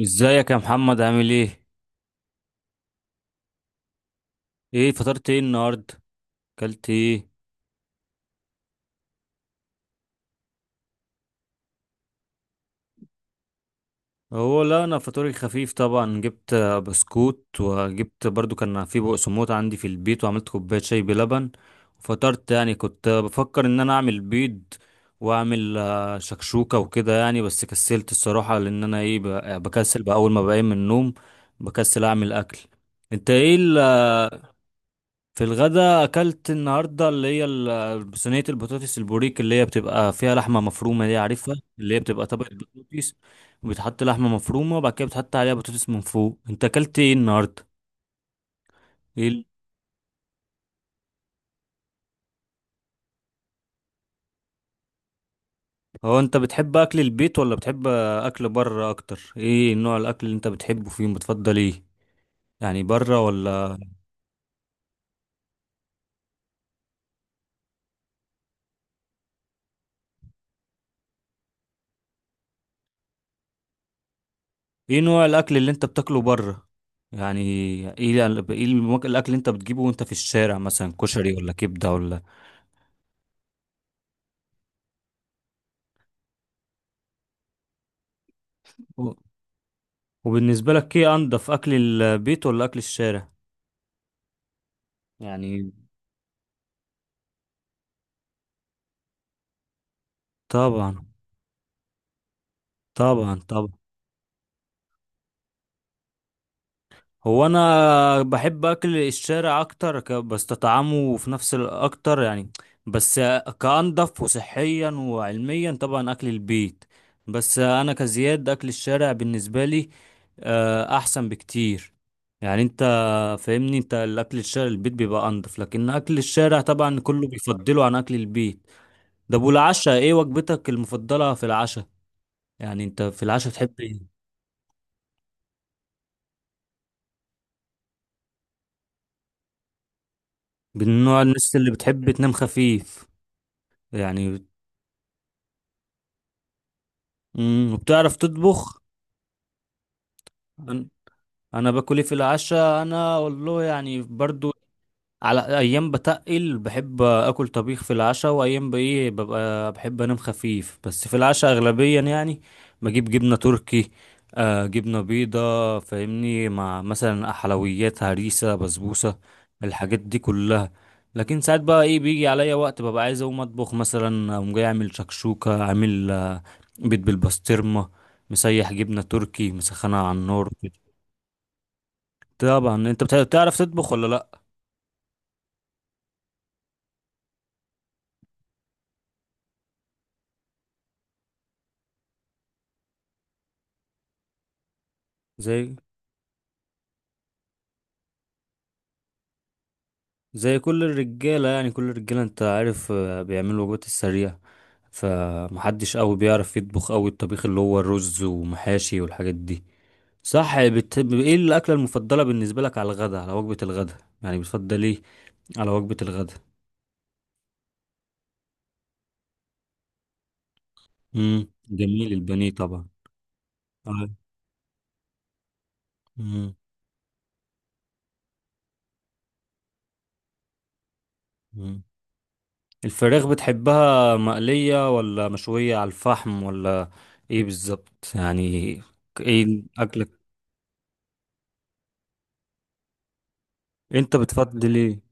ازيك يا محمد، عامل ايه؟ ايه فطرت ايه النهارده؟ اكلت ايه؟ هو لا، انا فطوري خفيف طبعا، جبت بسكوت، وجبت برضو كان في بقسموت عندي في البيت، وعملت كوبايه شاي بلبن. وفطرت، يعني كنت بفكر ان انا اعمل بيض واعمل شكشوكه وكده يعني، بس كسلت الصراحه، لان انا ايه بكسل بقى اول ما بقيم من النوم، بكسل اعمل اكل. انت ايه؟ في الغدا اكلت النهارده اللي هي صينيه البطاطس البوريك، اللي هي بتبقى فيها لحمه مفرومه، دي عارفها، اللي هي بتبقى طبق البطاطس. وبيتحط لحمه مفرومه، وبعد كده بتحط عليها بطاطس من فوق. انت اكلت ايه النهارده؟ ايه هو انت بتحب اكل البيت ولا بتحب اكل بره اكتر؟ ايه نوع الاكل اللي انت بتحبه فيهم؟ بتفضل ايه يعني؟ بره ولا؟ ايه نوع الاكل اللي انت بتاكله بره يعني؟ ايه ايه الاكل اللي انت بتجيبه وانت في الشارع، مثلا كشري ولا كبده ولا؟ وبالنسبة لك ايه انضف، اكل البيت ولا اكل الشارع يعني؟ طبعا طبعا طبعا. هو انا بحب اكل الشارع اكتر، بستطعمه في نفس الاكتر يعني بس. كانضف وصحيا وعلميا طبعا اكل البيت، بس انا كزياد اكل الشارع بالنسبة لي احسن بكتير. يعني انت فاهمني، انت الاكل الشارع البيت بيبقى انضف، لكن اكل الشارع طبعا كله بيفضله عن اكل البيت. ده، والعشاء ايه وجبتك المفضلة في العشاء؟ يعني انت في العشاء بتحب ايه؟ من نوع الناس اللي بتحب تنام خفيف يعني؟ وبتعرف تطبخ؟ انا باكل ايه في العشاء؟ انا والله يعني برضو، على ايام بتقل بحب اكل طبيخ في العشاء، وايام بايه ببقى بحب انام خفيف بس، في العشاء اغلبيا يعني بجيب جبنه تركي، جبنه بيضه فاهمني، مع مثلا حلويات هريسه بسبوسه الحاجات دي كلها. لكن ساعات بقى ايه بيجي عليا وقت ببقى عايز اقوم اطبخ، مثلا اقوم جاي اعمل شكشوكه، عامل بيض بالبسطرمه، مسيح جبنه تركي مسخنه على النار كده. طبعا انت بتعرف تطبخ ولا لا؟ زي زي كل الرجالة يعني، كل الرجالة انت عارف بيعملوا الوجبات السريعة، فمحدش قوي بيعرف يطبخ قوي الطبيخ اللي هو الرز ومحاشي والحاجات دي. صح. ايه الأكلة المفضلة بالنسبة لك على الغداء، على وجبة الغداء يعني؟ بتفضل ايه على وجبة الغداء؟ جميل البانيه طبعا. آه. مم. مم. الفراخ بتحبها مقلية ولا مشوية على الفحم ولا؟ ايه بالظبط يعني؟ ايه أكلك؟ انت بتفضل ايه؟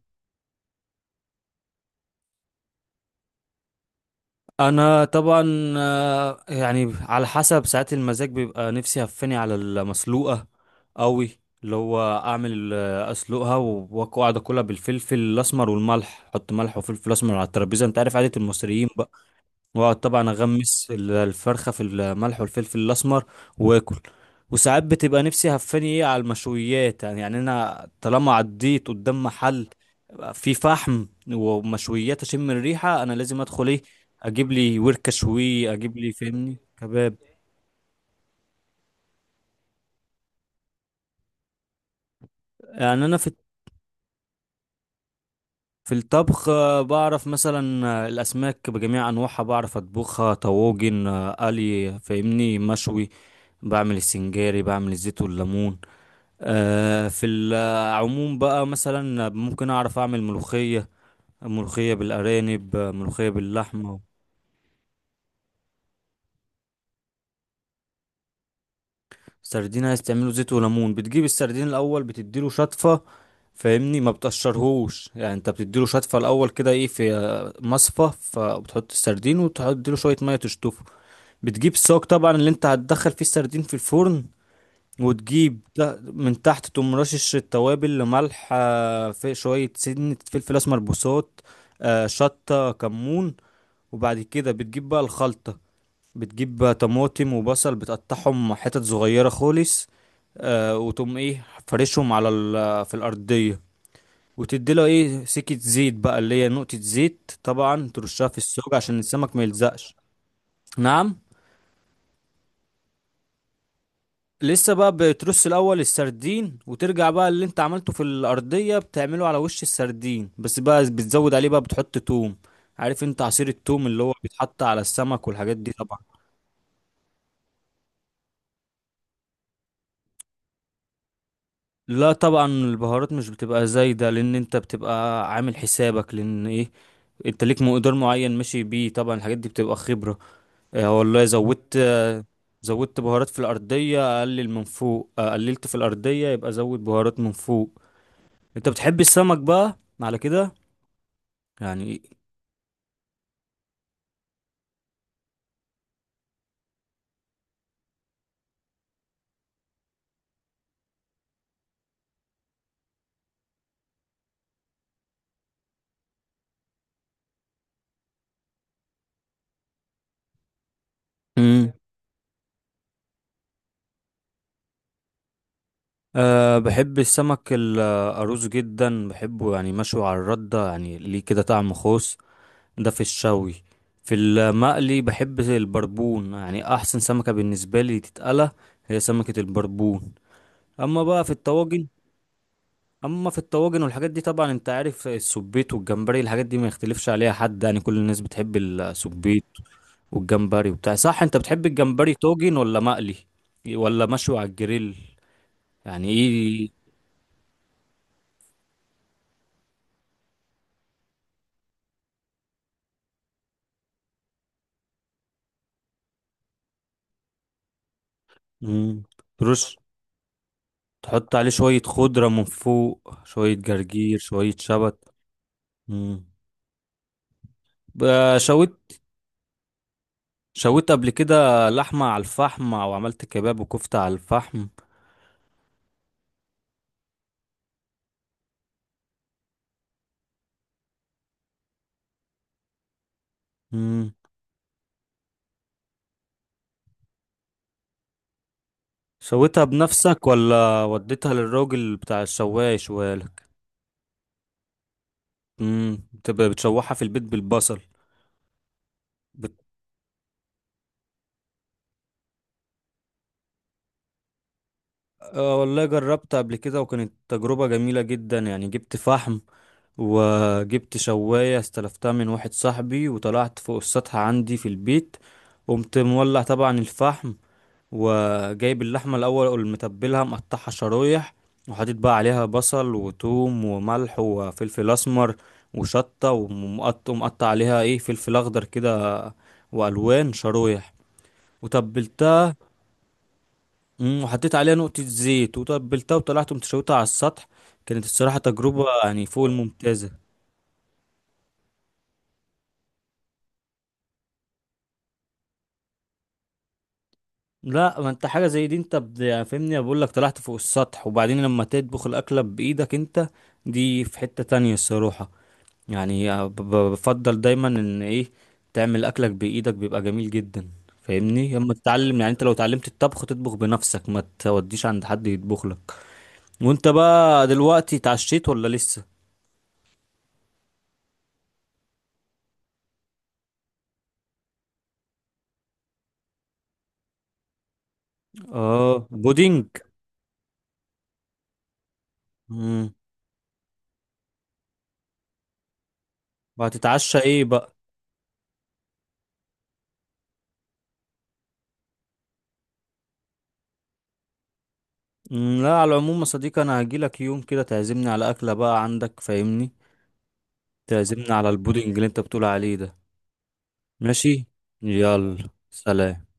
انا طبعا يعني على حسب ساعات المزاج بيبقى نفسي هفاني على المسلوقه قوي، اللي هو اعمل اسلقها واقعد اكلها بالفلفل الاسمر والملح، احط ملح وفلفل اسمر على الترابيزه، انت عارف عاده المصريين، واقعد طبعا اغمس الفرخه في الملح والفلفل الاسمر واكل. وساعات بتبقى نفسي هفاني ايه على المشويات يعني انا طالما عديت قدام محل في فحم ومشويات اشم الريحه، انا لازم ادخل ايه اجيب لي وركه شوي، اجيب لي فاهمني كباب يعني. انا في الطبخ بعرف مثلا الاسماك بجميع انواعها بعرف اطبخها، طواجن قلي فاهمني مشوي، بعمل السنجاري، بعمل الزيت والليمون في العموم بقى مثلا ممكن اعرف اعمل ملوخية، ملوخية بالارانب ملوخية باللحمة. سردين عايز تعمله زيت وليمون؟ بتجيب السردين الاول، بتديله شطفة، فاهمني ما بتقشرهوش يعني، انت بتديله شطفة الاول كده، ايه في مصفى، فبتحط السردين وتحط له شوية مية تشطفه. بتجيب الصاج طبعا اللي انت هتدخل فيه السردين في الفرن، وتجيب من تحت تقوم رشش التوابل، لملح في شوية سنة فلفل أسمر بوصات شطة كمون، وبعد كده بتجيب بقى الخلطة، بتجيب بقى طماطم وبصل بتقطعهم حتت صغيرة خالص وتقوم ايه فرشهم على في الأرضية، وتدي له ايه سكة زيت بقى اللي هي نقطة زيت طبعا ترشها في السوق عشان السمك ما يلزقش. نعم. لسه بقى بترص الاول السردين، وترجع بقى اللي انت عملته في الارضيه بتعمله على وش السردين، بس بقى بتزود عليه بقى بتحط توم، عارف انت عصير التوم اللي هو بيتحط على السمك والحاجات دي طبعا. لا طبعا، البهارات مش بتبقى زايده، لان انت بتبقى عامل حسابك، لان ايه، انت ليك مقدار معين ماشي بيه، طبعا الحاجات دي بتبقى خبره. اه والله، زودت بهارات في الارضيه اقلل من فوق، اه قللت في الارضيه يبقى زود بهارات من فوق. انت بتحب السمك بقى على كده يعني؟ امم أه بحب السمك الأرز جدا بحبه، يعني مشوي على الردة، يعني ليه كده طعم خاص. ده في الشوي. في المقلي بحب البربون، يعني أحسن سمكة بالنسبة لي تتقلى هي سمكة البربون. أما بقى في الطواجن أما في الطواجن والحاجات دي طبعا، أنت عارف السبيت والجمبري الحاجات دي ما يختلفش عليها حد يعني، كل الناس بتحب السبيت والجمبري وبتاع. صح، أنت بتحب الجمبري طاجن ولا مقلي ولا مشوي على الجريل يعني؟ ايه. مم. ترش، تحط عليه شوية خضرة من فوق، شوية جرجير شوية شبت. مم. ب- شويت شويت قبل كده لحمة على الفحم، أو عملت كباب وكفتة على الفحم؟ مم. شويتها بنفسك ولا وديتها للراجل بتاع الشواية يشويها لك؟ مم. بتبقى بتشوحها في البيت بالبصل. أه والله، جربت قبل كده وكانت تجربة جميلة جدا، يعني جبت فحم، وجبت شواية استلفتها من واحد صاحبي، وطلعت فوق السطح عندي في البيت، قمت مولع طبعا الفحم، وجايب اللحمة الأول ومتبلها مقطعها شرايح، وحاطط بقى عليها بصل وثوم وملح وفلفل أسمر وشطة، ومقطع عليها ايه فلفل أخضر كده، وألوان شرايح، وتبلتها. مم، وحطيت عليها نقطة زيت وتبلتها، وطلعت مشوتها على السطح. كانت الصراحة تجربة يعني فوق الممتازة. لا، ما انت حاجة زي دي، انت يعني فاهمني، بقول لك طلعت فوق السطح، وبعدين لما تطبخ الأكلة بإيدك انت، دي في حتة تانية الصراحة. يعني بفضل دايما ان ايه تعمل أكلك بإيدك بيبقى جميل جدا، فاهمني، اما تتعلم يعني، انت لو اتعلمت الطبخ تطبخ بنفسك، ما توديش عند حد يطبخ لك. وانت بقى دلوقتي اتعشيت ولا لسه؟ اه بودينج. وهتتعشى ايه بقى؟ مم، لا، على العموم يا صديقي، انا هجيلك يوم كده تعزمني على اكله بقى عندك، فاهمني، تعزمني على البودنج اللي انت بتقول عليه ده. ماشي، يلا سلام.